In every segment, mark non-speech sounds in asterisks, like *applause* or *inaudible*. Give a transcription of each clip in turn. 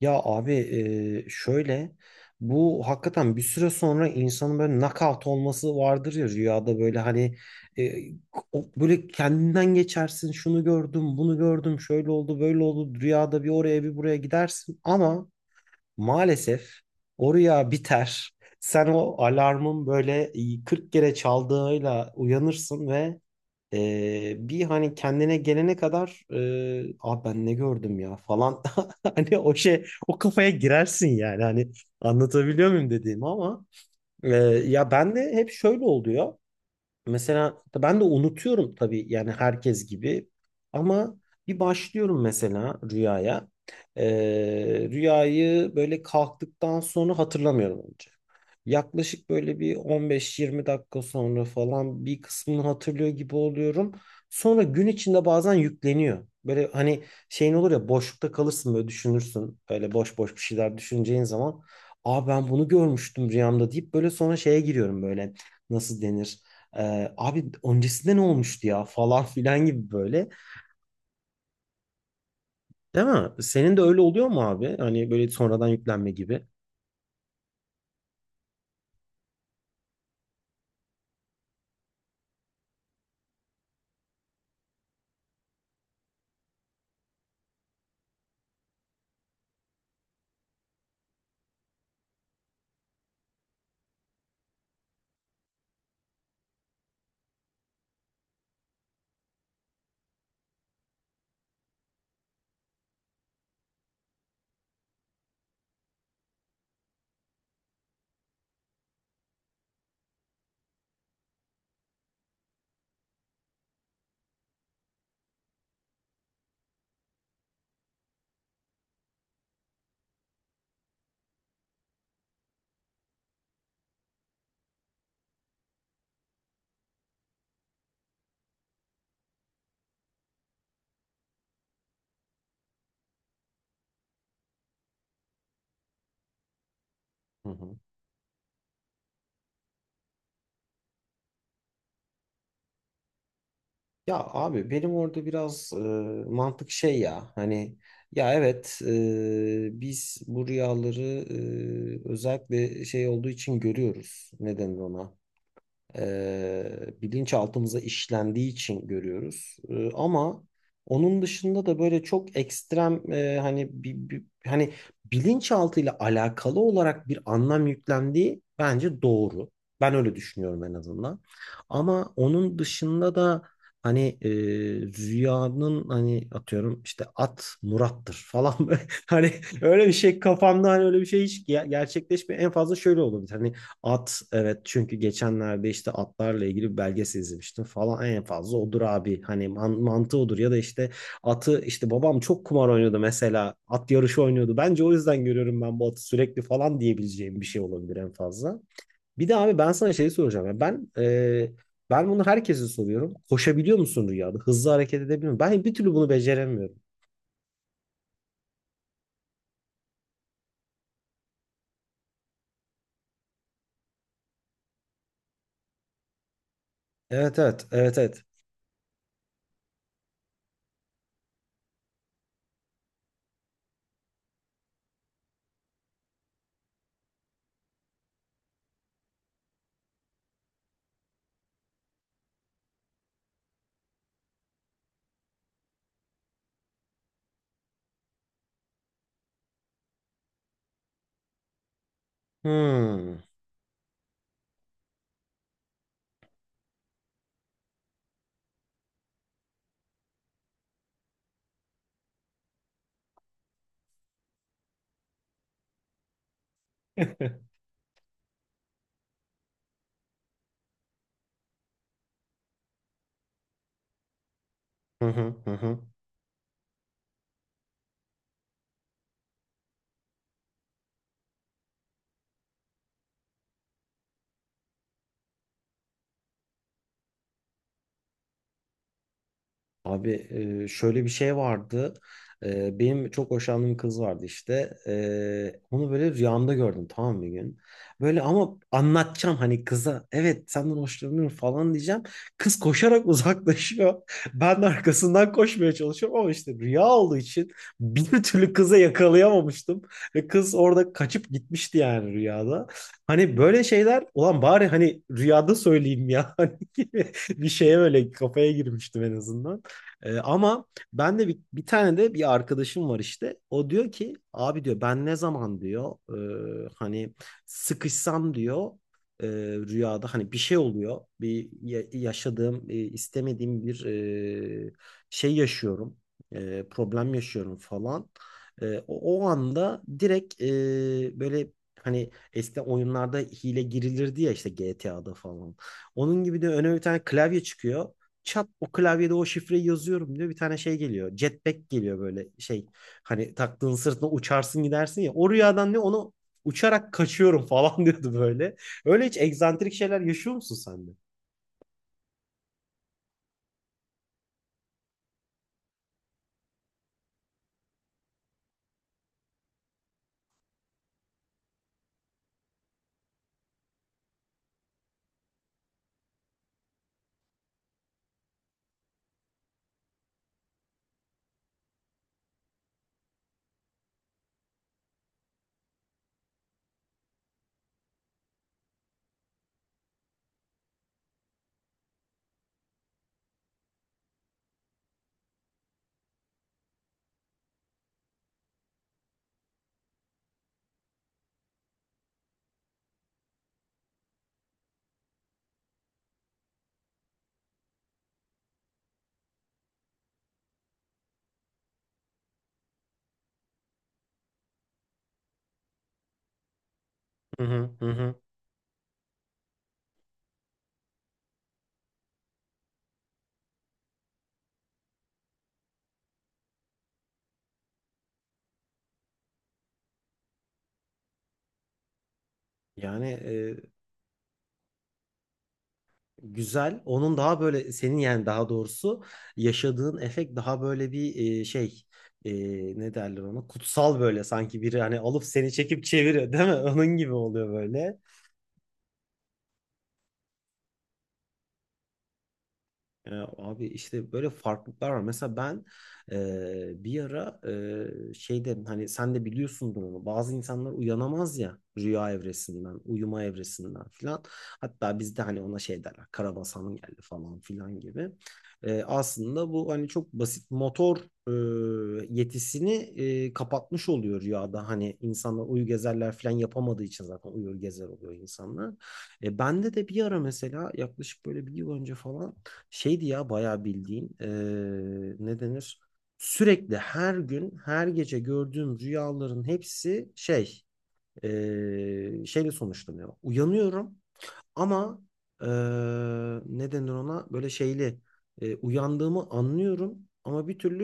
Ya abi, şöyle bu hakikaten bir süre sonra insanın böyle knockout olması vardır ya rüyada, böyle hani e, böyle kendinden geçersin, şunu gördüm, bunu gördüm, şöyle oldu, böyle oldu, rüyada bir oraya bir buraya gidersin ama maalesef o rüya biter. *laughs* Sen o alarmın böyle 40 kere çaldığıyla uyanırsın ve bir hani kendine gelene kadar, abi ben ne gördüm ya falan, *laughs* hani o şey, o kafaya girersin yani, hani anlatabiliyor muyum dediğimi, ama e, ya ben de hep şöyle oluyor. Mesela ben de unutuyorum tabii, yani herkes gibi, ama bir başlıyorum mesela rüyaya. Rüyayı böyle kalktıktan sonra hatırlamıyorum önce. Yaklaşık böyle bir 15-20 dakika sonra falan bir kısmını hatırlıyor gibi oluyorum. Sonra gün içinde bazen yükleniyor. Böyle hani şeyin olur ya, boşlukta kalırsın, böyle düşünürsün. Böyle boş boş bir şeyler düşüneceğin zaman. Aa, ben bunu görmüştüm rüyamda deyip böyle sonra şeye giriyorum, böyle nasıl denir? Abi öncesinde ne olmuştu ya falan filan gibi böyle. Değil mi? Senin de öyle oluyor mu abi? Hani böyle sonradan yüklenme gibi. Hı hı. Ya abi, benim orada biraz mantık şey ya, hani, ya evet, biz bu rüyaları özellikle şey olduğu için görüyoruz. Ne denir ona? e, Bilinçaltımıza işlendiği için görüyoruz. Ama onun dışında da böyle çok ekstrem, hani bir, hani bilinçaltıyla alakalı olarak bir anlam yüklendiği bence doğru. Ben öyle düşünüyorum en azından. Ama onun dışında da hani rüyanın, hani atıyorum işte at Murat'tır falan. *laughs* Böyle, hani öyle bir şey kafamda, hani öyle bir şey hiç gerçekleşmiyor. En fazla şöyle olabilir. Hani at, evet, çünkü geçenlerde işte atlarla ilgili bir belgesel izlemiştim falan, en fazla odur abi, hani mantığı odur, ya da işte atı, işte babam çok kumar oynuyordu, mesela at yarışı oynuyordu, bence o yüzden görüyorum ben bu atı sürekli falan diyebileceğim bir şey olabilir en fazla. Bir de abi, ben sana şey soracağım ya, ben bunu herkese soruyorum, koşabiliyor musun rüyada, hızlı hareket edebiliyor musun? Ben bir türlü bunu beceremiyorum. Evet evet evet evet. Hmm. *laughs* Hı hı hı hı. Abi, şöyle bir şey vardı. Benim çok hoşlandığım kız vardı işte. Onu böyle rüyamda gördüm, tamam mı, bir gün. Böyle, ama anlatacağım hani kıza, evet senden hoşlanıyorum falan diyeceğim. Kız koşarak *laughs* uzaklaşıyor. Ben de arkasından koşmaya çalışıyorum ama işte rüya olduğu için bir türlü kıza yakalayamamıştım. Ve kız orada kaçıp gitmişti yani, rüyada. Hani böyle şeyler, ulan bari hani rüyada söyleyeyim ya. *laughs* Hani gibi bir şeye böyle kafaya girmiştim en azından. Ama ben de bir tane de bir arkadaşım var işte. O diyor ki, abi diyor, ben ne zaman diyor hani sıkışsam diyor, e, rüyada hani bir şey oluyor. Bir yaşadığım, istemediğim bir e, şey yaşıyorum. Problem yaşıyorum falan. O anda direkt böyle, hani eskiden oyunlarda hile girilirdi ya, işte GTA'da falan. Onun gibi de önüme bir tane klavye çıkıyor, çat, o klavyede o şifreyi yazıyorum diyor. Bir tane şey geliyor, jetpack geliyor, böyle şey. Hani taktığın sırtına uçarsın gidersin ya. O rüyadan ne, onu uçarak kaçıyorum *laughs* falan diyordu böyle. Öyle hiç egzantrik şeyler yaşıyor musun sen de? Hı hı hı. Hı. Yani, güzel. Onun daha böyle, senin yani daha doğrusu, yaşadığın efekt daha böyle bir şey, e, ne derler ona, kutsal böyle, sanki biri hani alıp seni çekip çeviriyor değil mi? *laughs* Onun gibi oluyor böyle. Ya abi, işte böyle farklılıklar var. Mesela ben bir ara şeyde, hani sen de biliyorsundur onu, bazı insanlar uyanamaz ya rüya evresinden, uyuma evresinden filan. Hatta bizde hani ona şey derler, Karabasan'ın geldi falan filan gibi. Aslında bu hani çok basit motor yetisini kapatmış oluyor rüyada. Hani insanlar uyu gezerler filan yapamadığı için zaten uyur gezer oluyor insanlar. Bende de bir ara mesela yaklaşık böyle bir yıl önce falan şeydi ya, bayağı bildiğin, ne denir? Sürekli her gün her gece gördüğüm rüyaların hepsi şey, şeyle sonuçlanıyor. Uyanıyorum ama eee ne denir ona, böyle şeyli, uyandığımı anlıyorum ama bir türlü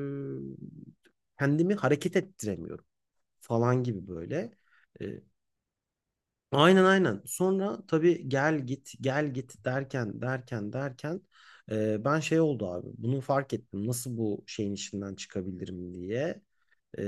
eee, kendimi hareket ettiremiyorum falan gibi böyle. E, Aynen, aynen. Sonra tabii gel git gel git derken derken derken, ben şey oldu abi. Bunu fark ettim, nasıl bu şeyin içinden çıkabilirim diye. E,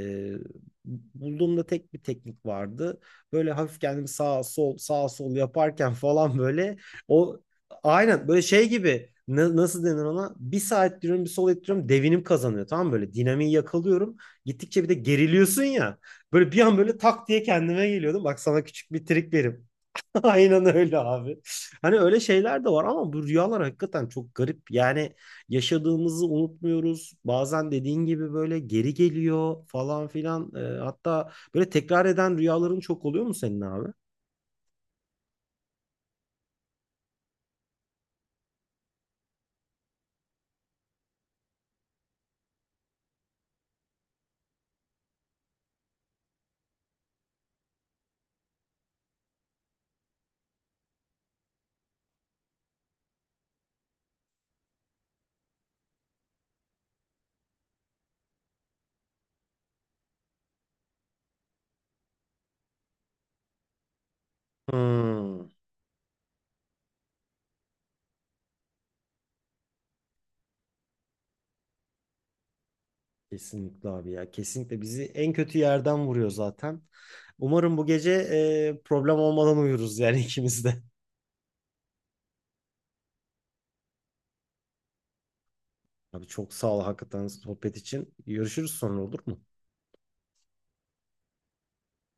Bulduğumda tek bir teknik vardı. Böyle hafif kendimi sağ sol sağ sol yaparken falan böyle, o aynen böyle şey gibi, nasıl denir ona? Bir sağ ettiriyorum, bir sol ettiriyorum, devinim kazanıyor, tamam mı? Böyle dinamiği yakalıyorum. Gittikçe bir de geriliyorsun ya. Böyle bir an böyle tak diye kendime geliyordum. Bak sana küçük bir trik vereyim. *laughs* Aynen öyle abi. Hani öyle şeyler de var, ama bu rüyalar hakikaten çok garip. Yani yaşadığımızı unutmuyoruz. Bazen dediğin gibi böyle geri geliyor falan filan. Hatta böyle tekrar eden rüyaların çok oluyor mu senin abi? Hmm, kesinlikle abi ya. Kesinlikle bizi en kötü yerden vuruyor zaten. Umarım bu gece problem olmadan uyuruz yani *laughs* ikimiz de. Abi çok sağ ol, hakikaten sohbet için. Görüşürüz sonra, olur mu?